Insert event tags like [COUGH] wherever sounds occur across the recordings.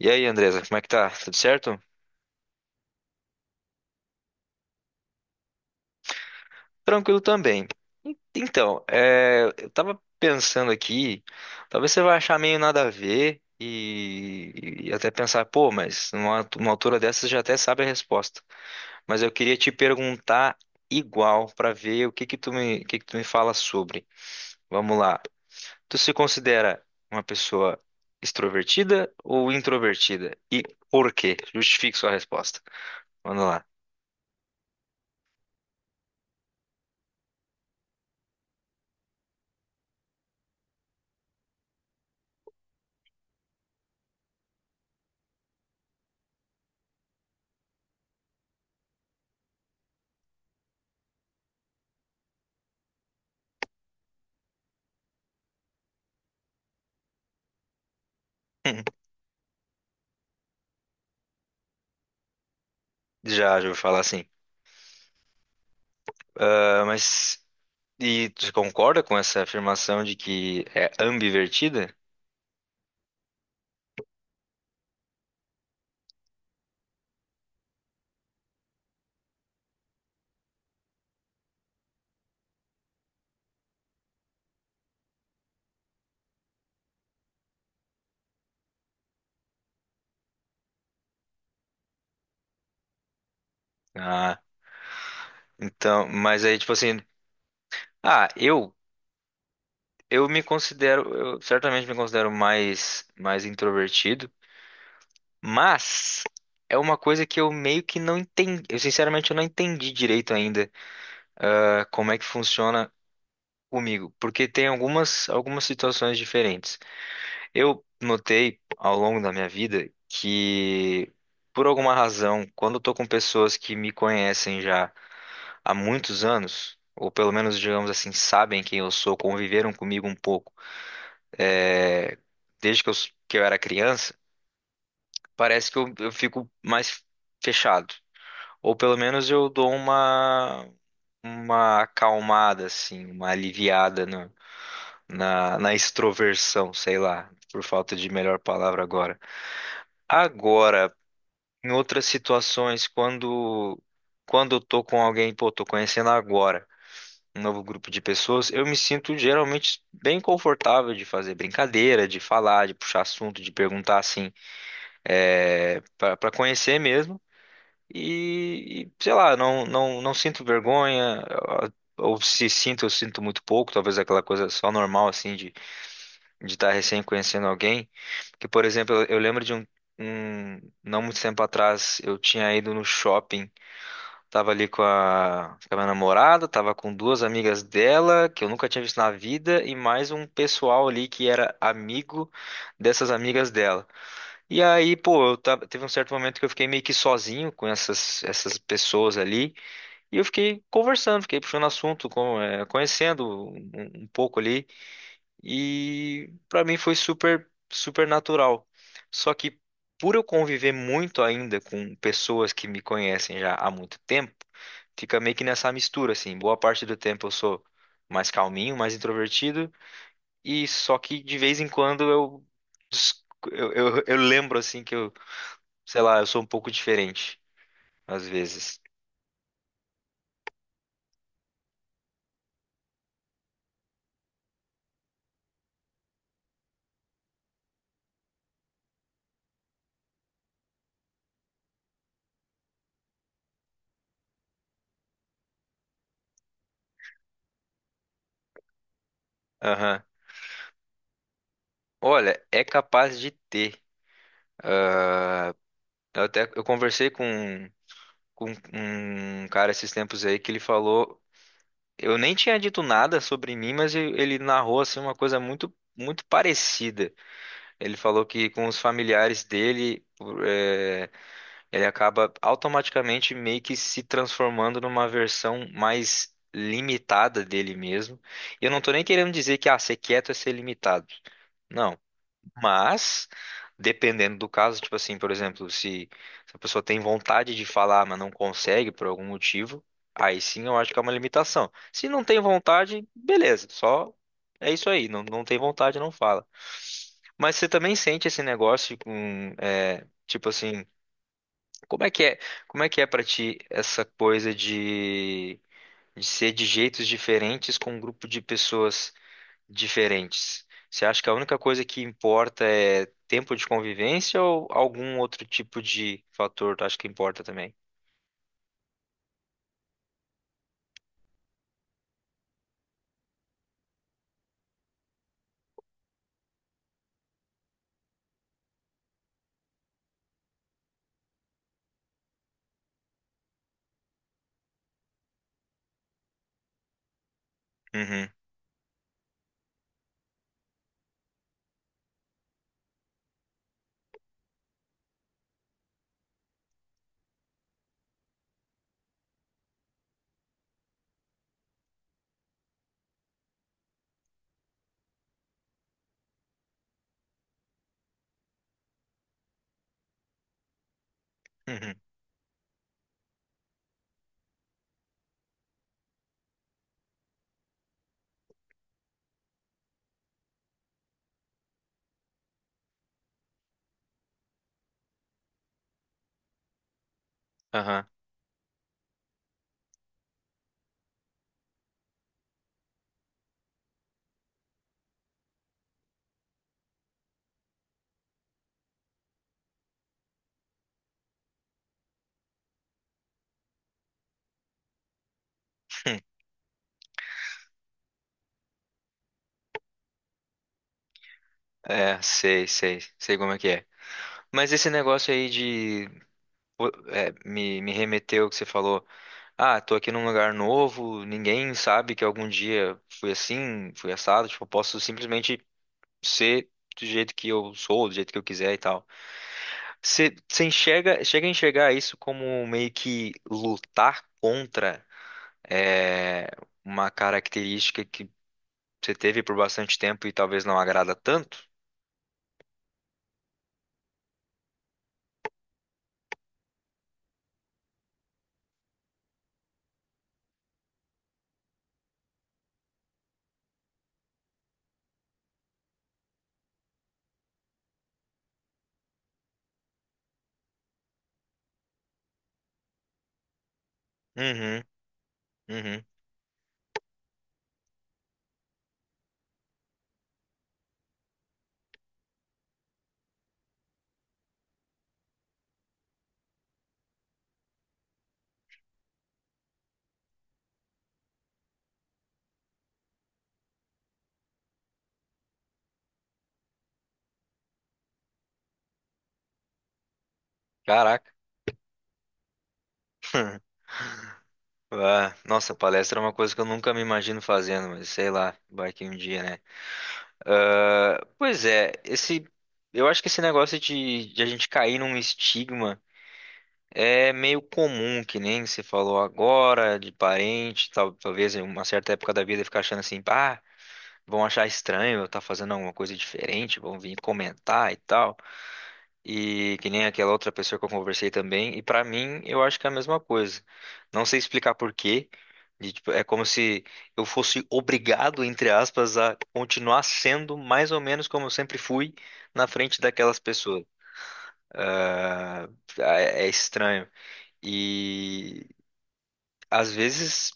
E aí, Andresa, como é que tá? Tudo certo? Tranquilo também. Então, eu tava pensando aqui, talvez você vai achar meio nada a ver e até pensar, pô, mas numa altura dessa você já até sabe a resposta. Mas eu queria te perguntar igual pra ver o que que tu me fala sobre. Vamos lá. Tu se considera uma pessoa extrovertida ou introvertida? E por quê? Justifique sua resposta. Vamos lá. [LAUGHS] Já, ouvi falar assim. Ah, mas e tu concorda com essa afirmação de que é ambivertida? Ah, então, mas aí tipo assim, ah, eu eu me considero, eu certamente me considero mais introvertido, mas é uma coisa que eu meio que não entendi, eu sinceramente eu não entendi direito ainda, como é que funciona comigo, porque tem algumas situações diferentes. Eu notei ao longo da minha vida que, por alguma razão, quando eu tô com pessoas que me conhecem já há muitos anos, ou pelo menos, digamos assim, sabem quem eu sou, conviveram comigo um pouco, é, desde que eu era criança, parece que eu fico mais fechado. Ou pelo menos eu dou uma acalmada, assim, uma aliviada na extroversão, sei lá, por falta de melhor palavra agora. Agora, em outras situações, quando eu tô com alguém, pô, tô conhecendo agora um novo grupo de pessoas, eu me sinto geralmente bem confortável de fazer brincadeira, de falar, de puxar assunto, de perguntar assim, é, para conhecer mesmo. E sei lá, não sinto vergonha, ou se sinto, eu sinto muito pouco, talvez aquela coisa só normal assim de estar recém conhecendo alguém. Que, por exemplo, eu lembro de um não muito tempo atrás, eu tinha ido no shopping. Tava ali com a minha namorada, tava com duas amigas dela, que eu nunca tinha visto na vida, e mais um pessoal ali que era amigo dessas amigas dela. E aí, pô, teve um certo momento que eu fiquei meio que sozinho com essas pessoas ali, e eu fiquei conversando, fiquei puxando assunto, conhecendo um pouco ali, e pra mim foi super, super natural. Só que por eu conviver muito ainda com pessoas que me conhecem já há muito tempo, fica meio que nessa mistura, assim. Boa parte do tempo eu sou mais calminho, mais introvertido, e só que de vez em quando des- eu lembro, assim, que eu, sei lá, eu sou um pouco diferente, às vezes. Aham. Olha, é capaz de ter. Eu conversei com um cara esses tempos aí que ele falou, eu nem tinha dito nada sobre mim, mas ele narrou, assim, uma coisa muito, muito parecida. Ele falou que com os familiares dele, ele acaba automaticamente meio que se transformando numa versão mais limitada dele mesmo. E eu não tô nem querendo dizer que ah, ser quieto é ser limitado. Não, mas dependendo do caso, tipo assim, por exemplo, se a pessoa tem vontade de falar, mas não consegue por algum motivo, aí sim eu acho que é uma limitação. Se não tem vontade, beleza, só é isso aí, não tem vontade, não fala. Mas você também sente esse negócio com, é, tipo assim, como é que é, como é que é para ti essa coisa de ser de jeitos diferentes com um grupo de pessoas diferentes? Você acha que a única coisa que importa é tempo de convivência ou algum outro tipo de fator tu acha que importa também? Uhum, uhum, aham. Hum, é, sei como é que é. Mas esse negócio aí de, pô, é, me remeteu ao que você falou. Ah, tô aqui num lugar novo, ninguém sabe que algum dia fui assim, fui assado, tipo, eu posso simplesmente ser do jeito que eu sou, do jeito que eu quiser e tal. Você enxerga, chega a enxergar isso como meio que lutar contra é, uma característica que você teve por bastante tempo e talvez não agrada tanto? Uhum, uhum. Caraca. [LAUGHS] Ah, nossa, palestra é uma coisa que eu nunca me imagino fazendo, mas sei lá, vai que um dia, né? Pois é, esse, eu acho que esse negócio de a gente cair num estigma é meio comum, que nem você falou agora, de parente, talvez em uma certa época da vida ficar achando assim, ah, vão achar estranho eu estar fazendo alguma coisa diferente, vão vir comentar e tal. E que nem aquela outra pessoa que eu conversei também. E pra mim, eu acho que é a mesma coisa. Não sei explicar por quê, de, tipo, é como se eu fosse obrigado, entre aspas, a continuar sendo mais ou menos como eu sempre fui na frente daquelas pessoas. Ah, é, é estranho. E às vezes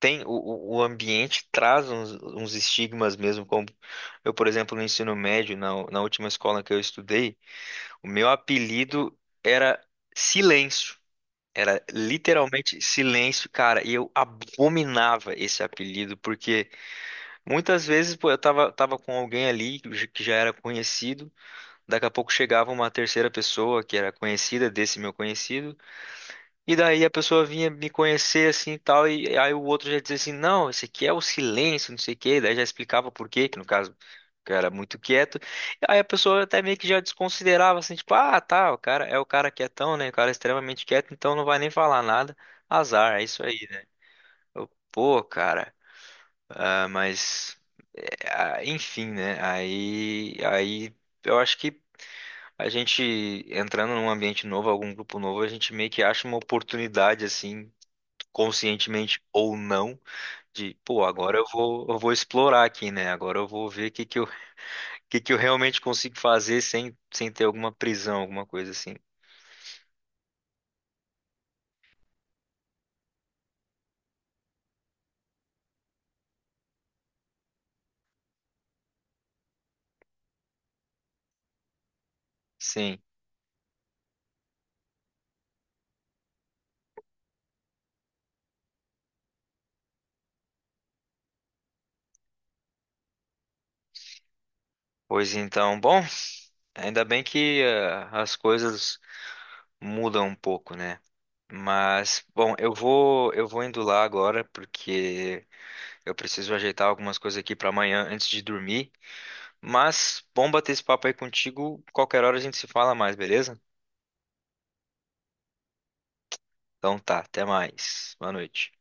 tem o o ambiente traz uns estigmas mesmo, como eu, por exemplo, no ensino médio, na última escola que eu estudei, o meu apelido era Silêncio. Era literalmente silêncio, cara. E eu abominava esse apelido, porque muitas vezes, pô, eu tava com alguém ali que já era conhecido. Daqui a pouco chegava uma terceira pessoa que era conhecida desse meu conhecido. E daí a pessoa vinha me conhecer assim e tal, e aí o outro já dizia assim, não, esse aqui é o silêncio, não sei o quê, daí já explicava por quê, que no caso o cara era muito quieto. Aí a pessoa até meio que já desconsiderava assim, tipo, ah, tá, o cara é o cara quietão, né? O cara é extremamente quieto, então não vai nem falar nada. Azar, é isso aí, né? Eu, Pô, cara, ah, mas é, ah, enfim, né? Aí, eu acho que a gente entrando num ambiente novo, algum grupo novo, a gente meio que acha uma oportunidade assim conscientemente ou não, de, pô, agora eu vou explorar aqui, né? Agora eu vou ver o que que eu, [LAUGHS] que eu realmente consigo fazer sem ter alguma prisão, alguma coisa assim. Sim. Pois então, bom, ainda bem que as coisas mudam um pouco, né? Mas, bom, eu vou indo lá agora porque eu preciso ajeitar algumas coisas aqui para amanhã antes de dormir. Mas, bom bater esse papo aí contigo. Qualquer hora a gente se fala mais, beleza? Então tá, até mais. Boa noite.